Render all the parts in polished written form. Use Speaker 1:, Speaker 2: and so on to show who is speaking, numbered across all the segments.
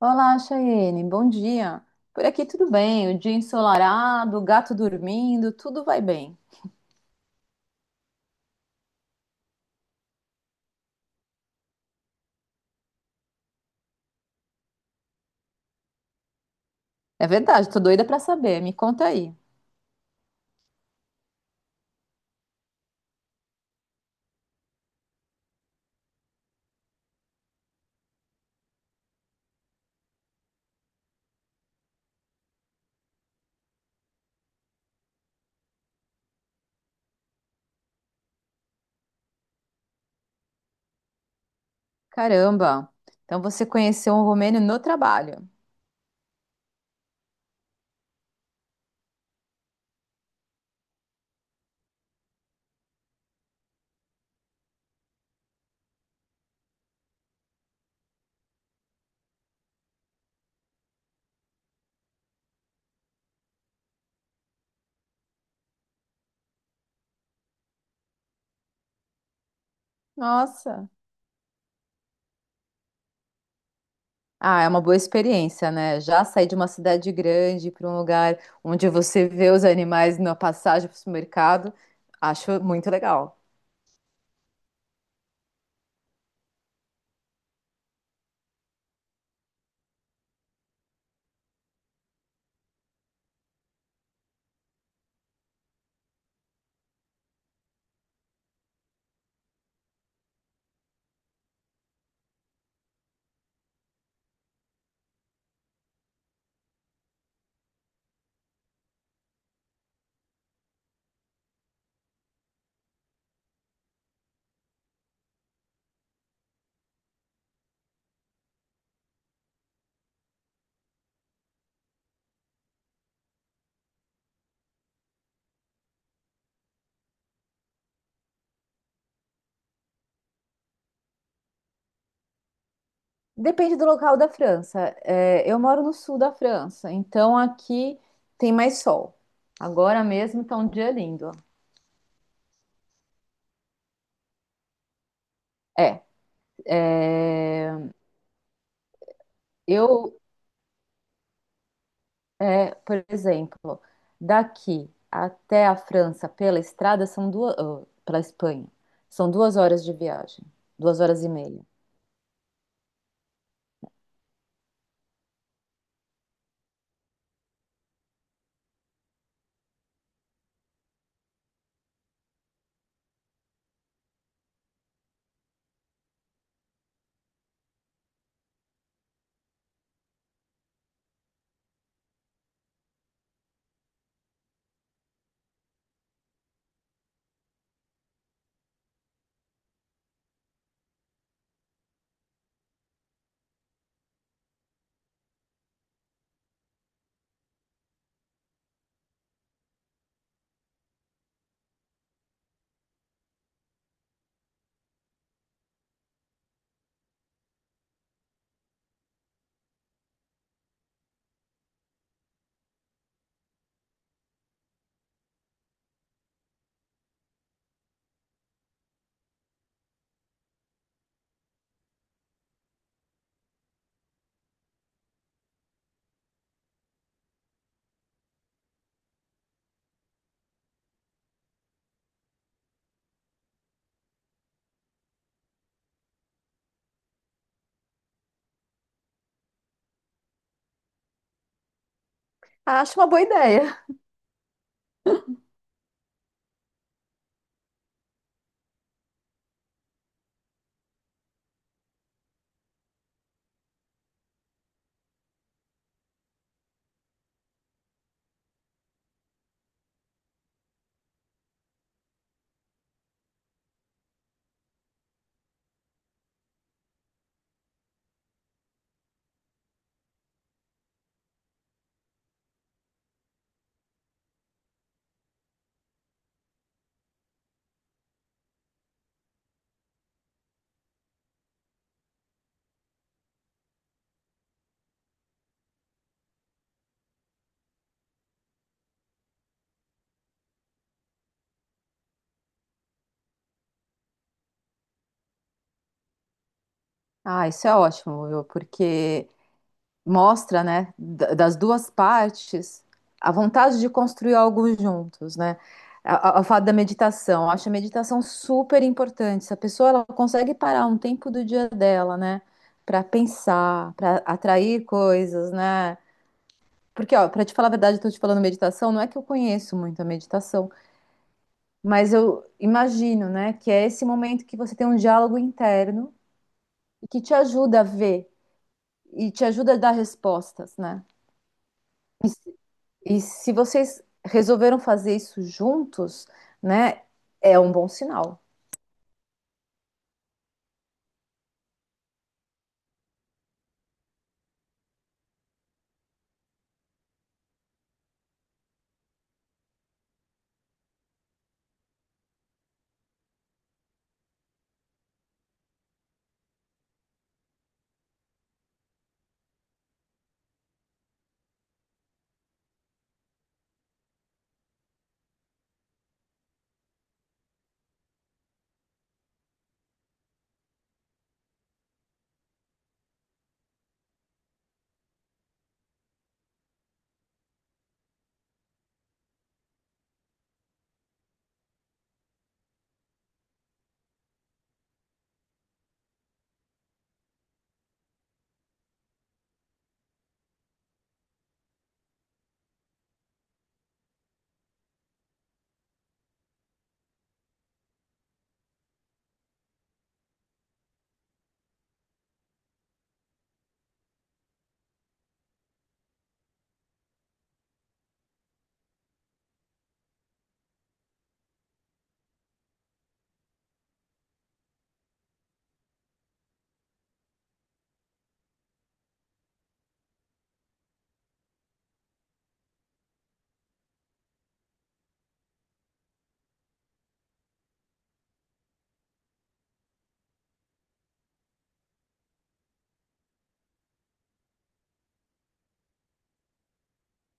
Speaker 1: Olá, Chayene, bom dia. Por aqui tudo bem, o dia ensolarado, o gato dormindo, tudo vai bem. É verdade, tô doida pra saber, me conta aí. Caramba, então você conheceu um romeno no trabalho. Nossa. Ah, é uma boa experiência, né? Já sair de uma cidade grande para um lugar onde você vê os animais na passagem para o supermercado, acho muito legal. Depende do local da França. É, eu moro no sul da França, então aqui tem mais sol. Agora mesmo tá um dia lindo. É, é, eu, por exemplo, daqui até a França pela estrada são duas, oh, pela Espanha, são 2 horas de viagem, 2 horas e meia. Ah, acho uma boa ideia. Ah, isso é ótimo, viu? Porque mostra, né, das duas partes, a vontade de construir algo juntos, né? O fato da meditação, eu acho a meditação super importante. Se a pessoa ela consegue parar um tempo do dia dela, né, para pensar, para atrair coisas, né? Porque, ó, para te falar a verdade, eu tô te falando meditação, não é que eu conheço muito a meditação, mas eu imagino, né, que é esse momento que você tem um diálogo interno e que te ajuda a ver e te ajuda a dar respostas, né? E, se e, se vocês resolveram fazer isso juntos, né, é um bom sinal,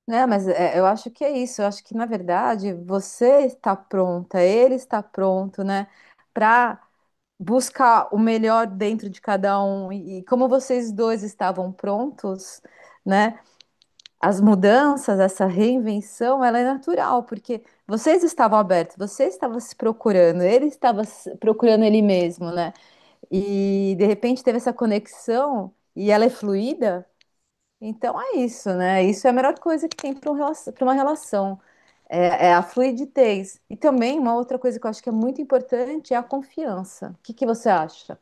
Speaker 1: né? Mas é, eu acho que é isso. Eu acho que na verdade você está pronta, ele está pronto, né, para buscar o melhor dentro de cada um. E como vocês dois estavam prontos, né? As mudanças, essa reinvenção, ela é natural, porque vocês estavam abertos, você estava se procurando, ele estava procurando ele mesmo, né? E de repente teve essa conexão e ela é fluida. Então é isso, né? Isso é a melhor coisa que tem para uma relação. É, é a fluidez. E também uma outra coisa que eu acho que é muito importante é a confiança. O que que você acha?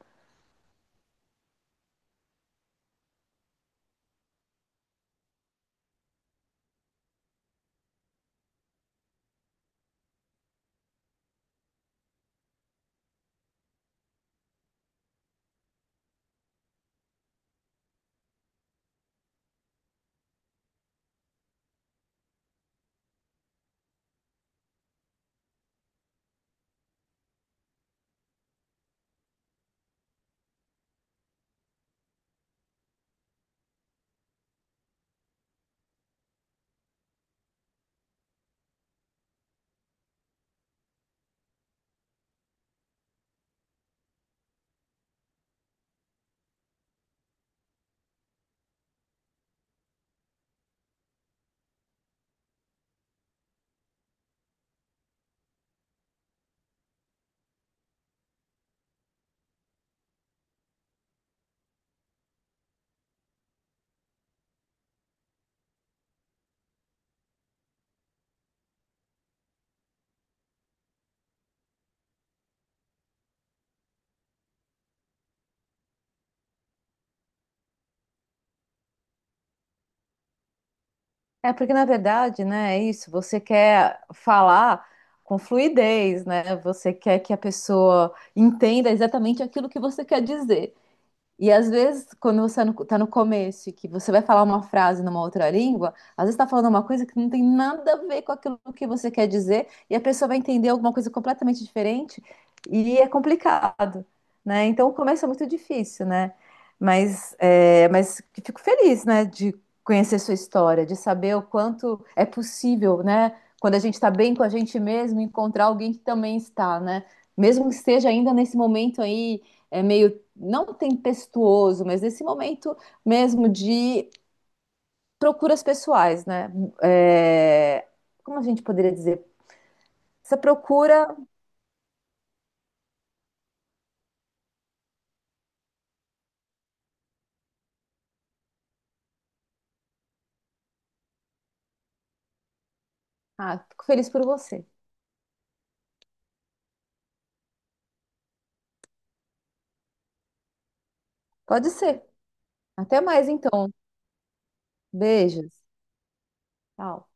Speaker 1: É porque na verdade, né, é isso, você quer falar com fluidez, né? Você quer que a pessoa entenda exatamente aquilo que você quer dizer. E às vezes, quando você está no começo e que você vai falar uma frase numa outra língua, às vezes está falando uma coisa que não tem nada a ver com aquilo que você quer dizer, e a pessoa vai entender alguma coisa completamente diferente, e é complicado, né? Então o começo é muito difícil, né? Mas, é, mas fico feliz, né, de conhecer sua história, de saber o quanto é possível, né? Quando a gente está bem com a gente mesmo, encontrar alguém que também está, né? Mesmo que esteja ainda nesse momento aí é meio não tempestuoso, mas nesse momento mesmo de procuras pessoais, né? É, como a gente poderia dizer? Essa procura. Ah, fico feliz por você. Pode ser. Até mais, então. Beijos. Tchau.